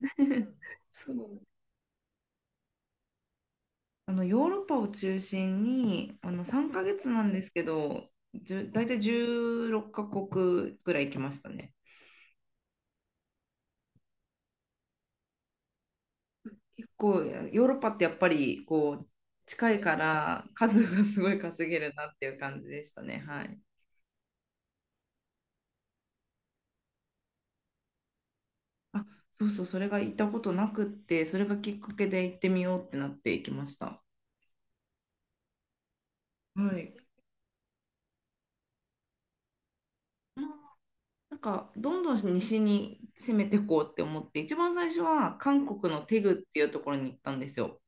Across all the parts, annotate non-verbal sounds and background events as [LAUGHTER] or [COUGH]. [LAUGHS] そう。ヨーロッパを中心に3ヶ月なんですけど、大体16カ国ぐらい行きましたね。結構、いや、ヨーロッパってやっぱりこう近いから数がすごい稼げるなっていう感じでしたね。はい。あ、そうそう、それが行ったことなくって、それがきっかけで行ってみようってなって行きました。はい。なんかどんどん西に攻めていこうって思って、一番最初は韓国のテグっていうところに行ったんですよ。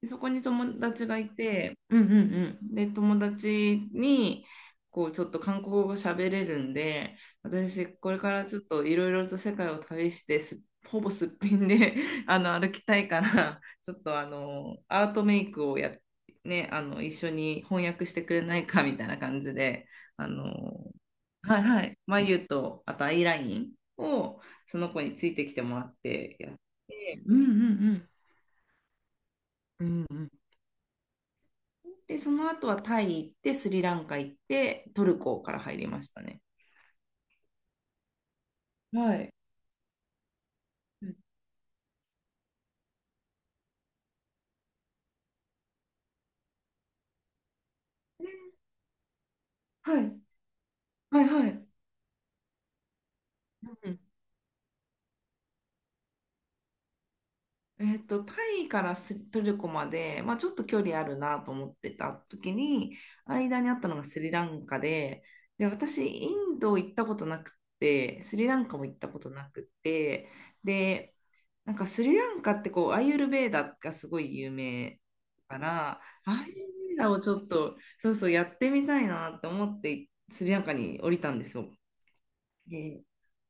で、そこに友達がいて、うんうんうん。で、友達に、ちょっと韓国語喋れるんで、私、これからちょっといろいろと世界を旅して、ほぼすっぴんで [LAUGHS] 歩きたいから、ちょっとアートメイクをね、一緒に翻訳してくれないか、みたいな感じで、あの、はいはい、眉と、あとアイラインを、その子についてきてもらってやって、うんうんうん。うんうん。で、その後はタイ行って、スリランカ行って、トルコから入りましたね。はい。うん。はいはいはい。うん。タイからストルコまで、まあ、ちょっと距離あるなと思ってた時に間にあったのがスリランカで、で私インド行ったことなくて、スリランカも行ったことなくて、でなんかスリランカってこう、アーユルヴェーダがすごい有名から、アーユルヴェーダをちょっと、そうそう、やってみたいなって思って、スリランカに降りたんですよ。で、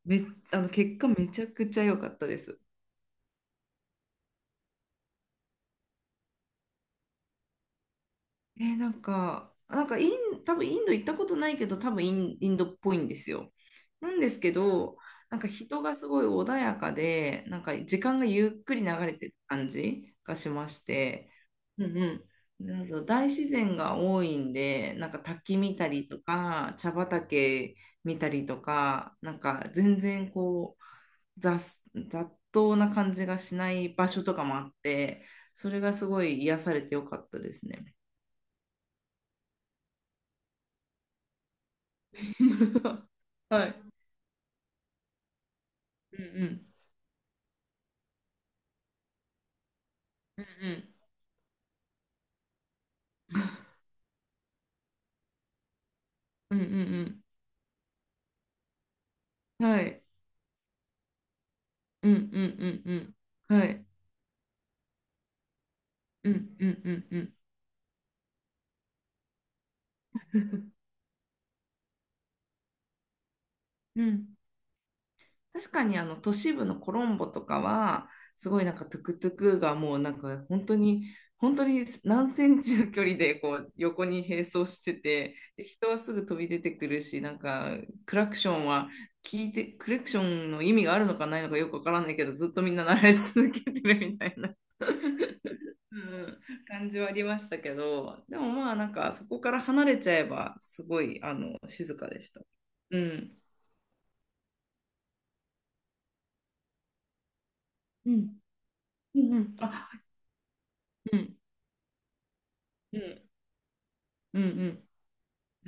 め、結果めちゃくちゃ良かったです。なんか、多分インド行ったことないけど、多分インドっぽいんですよ。なんですけど、なんか人がすごい穏やかで、なんか時間がゆっくり流れてる感じがしまして、うんうん。なんだろう、大自然が多いんで、なんか滝見たりとか、茶畑見たりとか、なんか全然う、雑、雑踏な感じがしない場所とかもあって、それがすごい癒されてよかったですね。[LAUGHS] はい。うんうん。うんうんうんうん。はい。うんうんうんうん。はい。うんうんうんうん。うん。確かにあの都市部のコロンボとかは、すごいなんかトゥクトゥクがもうなんか本当に、本当に何センチの距離でこう横に並走してて、で人はすぐ飛び出てくるし、なんかクラクションは聞いて、クラクションの意味があるのかないのかよくわからないけど、ずっとみんな鳴らし続けてるみたいな。[LAUGHS] うん、感じはありましたけど、でもまあなんかそこから離れちゃえばすごい静かでした。うん。うん。うんうん。あ、うん。うん。うんう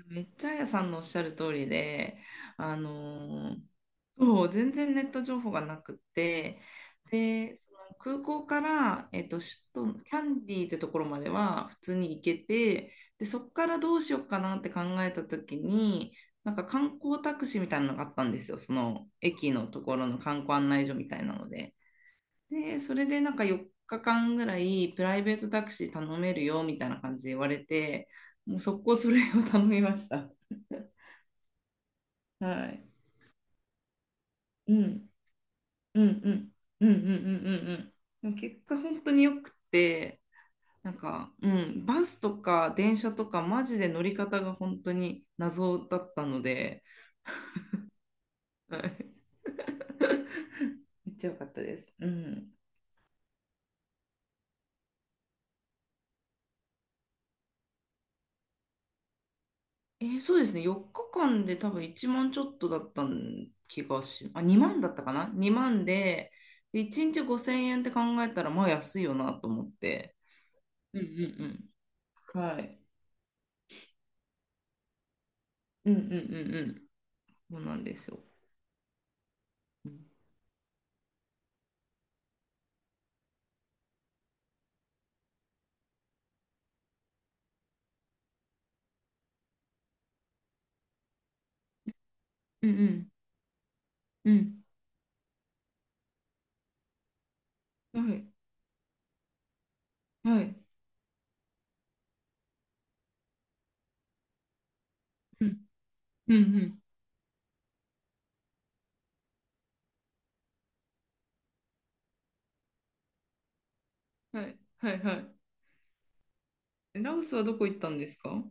ん。めっちゃあやさんのおっしゃる通りで、あのーそう、全然ネット情報がなくて、で、その空港から、首都、キャンディーってところまでは普通に行けて、で、そこからどうしようかなって考えた時に、なんか観光タクシーみたいなのがあったんですよ、その駅のところの観光案内所みたいなので。で、それでなんか4日間ぐらいプライベートタクシー頼めるよみたいな感じで言われて、もう速攻それを頼みました。[LAUGHS] はい。うん。うんうんうんうんうんうんうん。でも結果本当によくて、なんか、うん、バスとか電車とかマジで乗り方が本当に謎だったので、はい。 [LAUGHS] めっちゃ良かったです。うん。そうですね。4日間で多分1万ちょっとだった気がし、あ、2万だったかな？ 2 万で、で、1日5000円って考えたら、まあ安いよなと思って。うんうんうん。はい。うんうんうんうん。そうなんですよ。うんうんうんうん。はい、はい、うん。うんうん。はい、はい、はい。え、ラオスはどこ行ったんですか？わ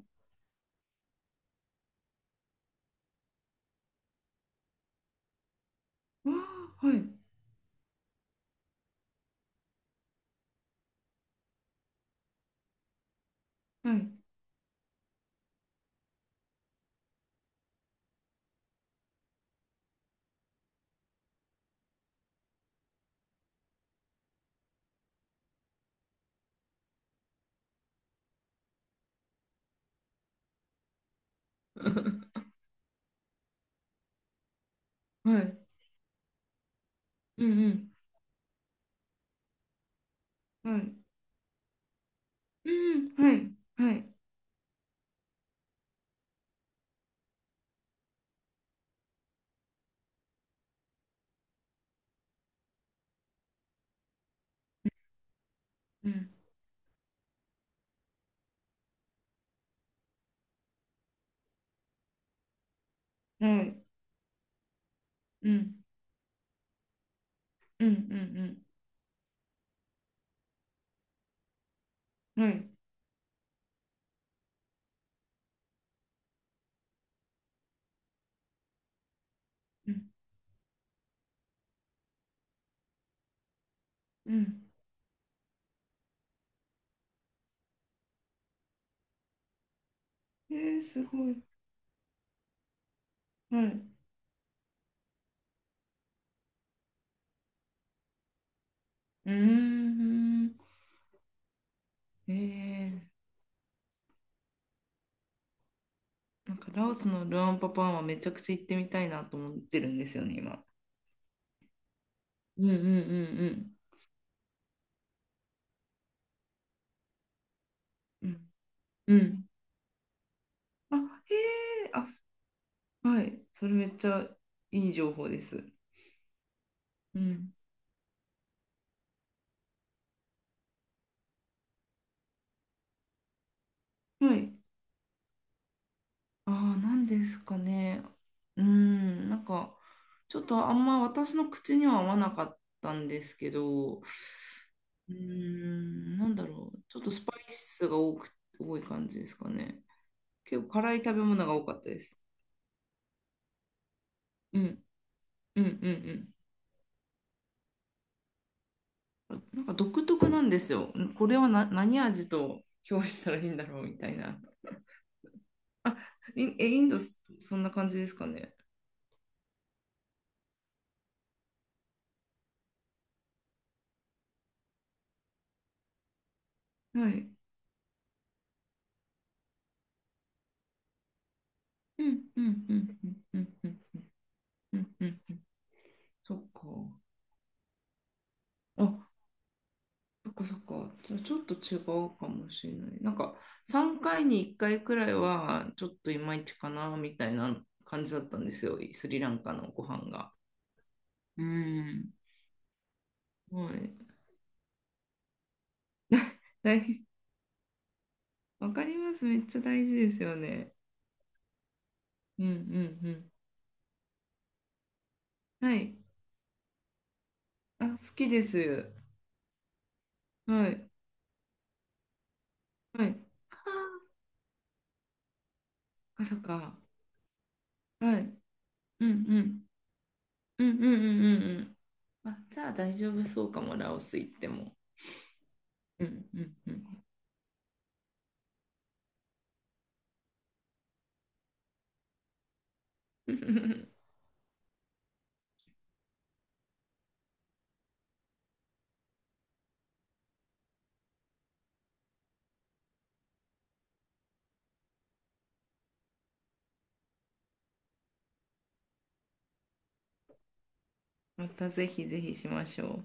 あ、はい、はい、[LAUGHS] はい、うんうん、はい、うん、はい、はい、うん。はい、うん。うん、うん、うん、はい、うん。うん。えー、すごい、はい。うーん、えなんかラオスのルアンパパンはめちゃくちゃ行ってみたいなと思ってるんですよね、今。うんうんうんうん。うんうん。あ、へえ、あ、はい。それめっちゃいい情報です。うん。はい。ああ、何ですかね。うん、なんか、ちょっとあんま私の口には合わなかったんですけど、うん、なんだろう。ちょっとスパイスが多い感じですかね。結構辛い食べ物が多かったです。うん、うん、うん、うん。なんか独特なんですよ。これはな、何味と評したらいいんだろうみたいな。あ、インド、そんな感じですかね。はい。うんうんうんうんうんうんうんうん。そっか。あ、そっかそっか。じゃあちょっと違うかもしれない。なんか3回に1回くらいはちょっといまいちかなみたいな感じだったんですよ。スリランカのご飯が。うん。はい。大わかります。めっちゃ大事ですよね。うんうんうん。はい。あ、好きです。はい。はい。あー、そっかそっか。はい。うんうんうんうんうんうんうん。あ、じゃあ大丈夫そうかも、ラオス行っても。うんうんうん。[LAUGHS] またぜひぜひしましょう。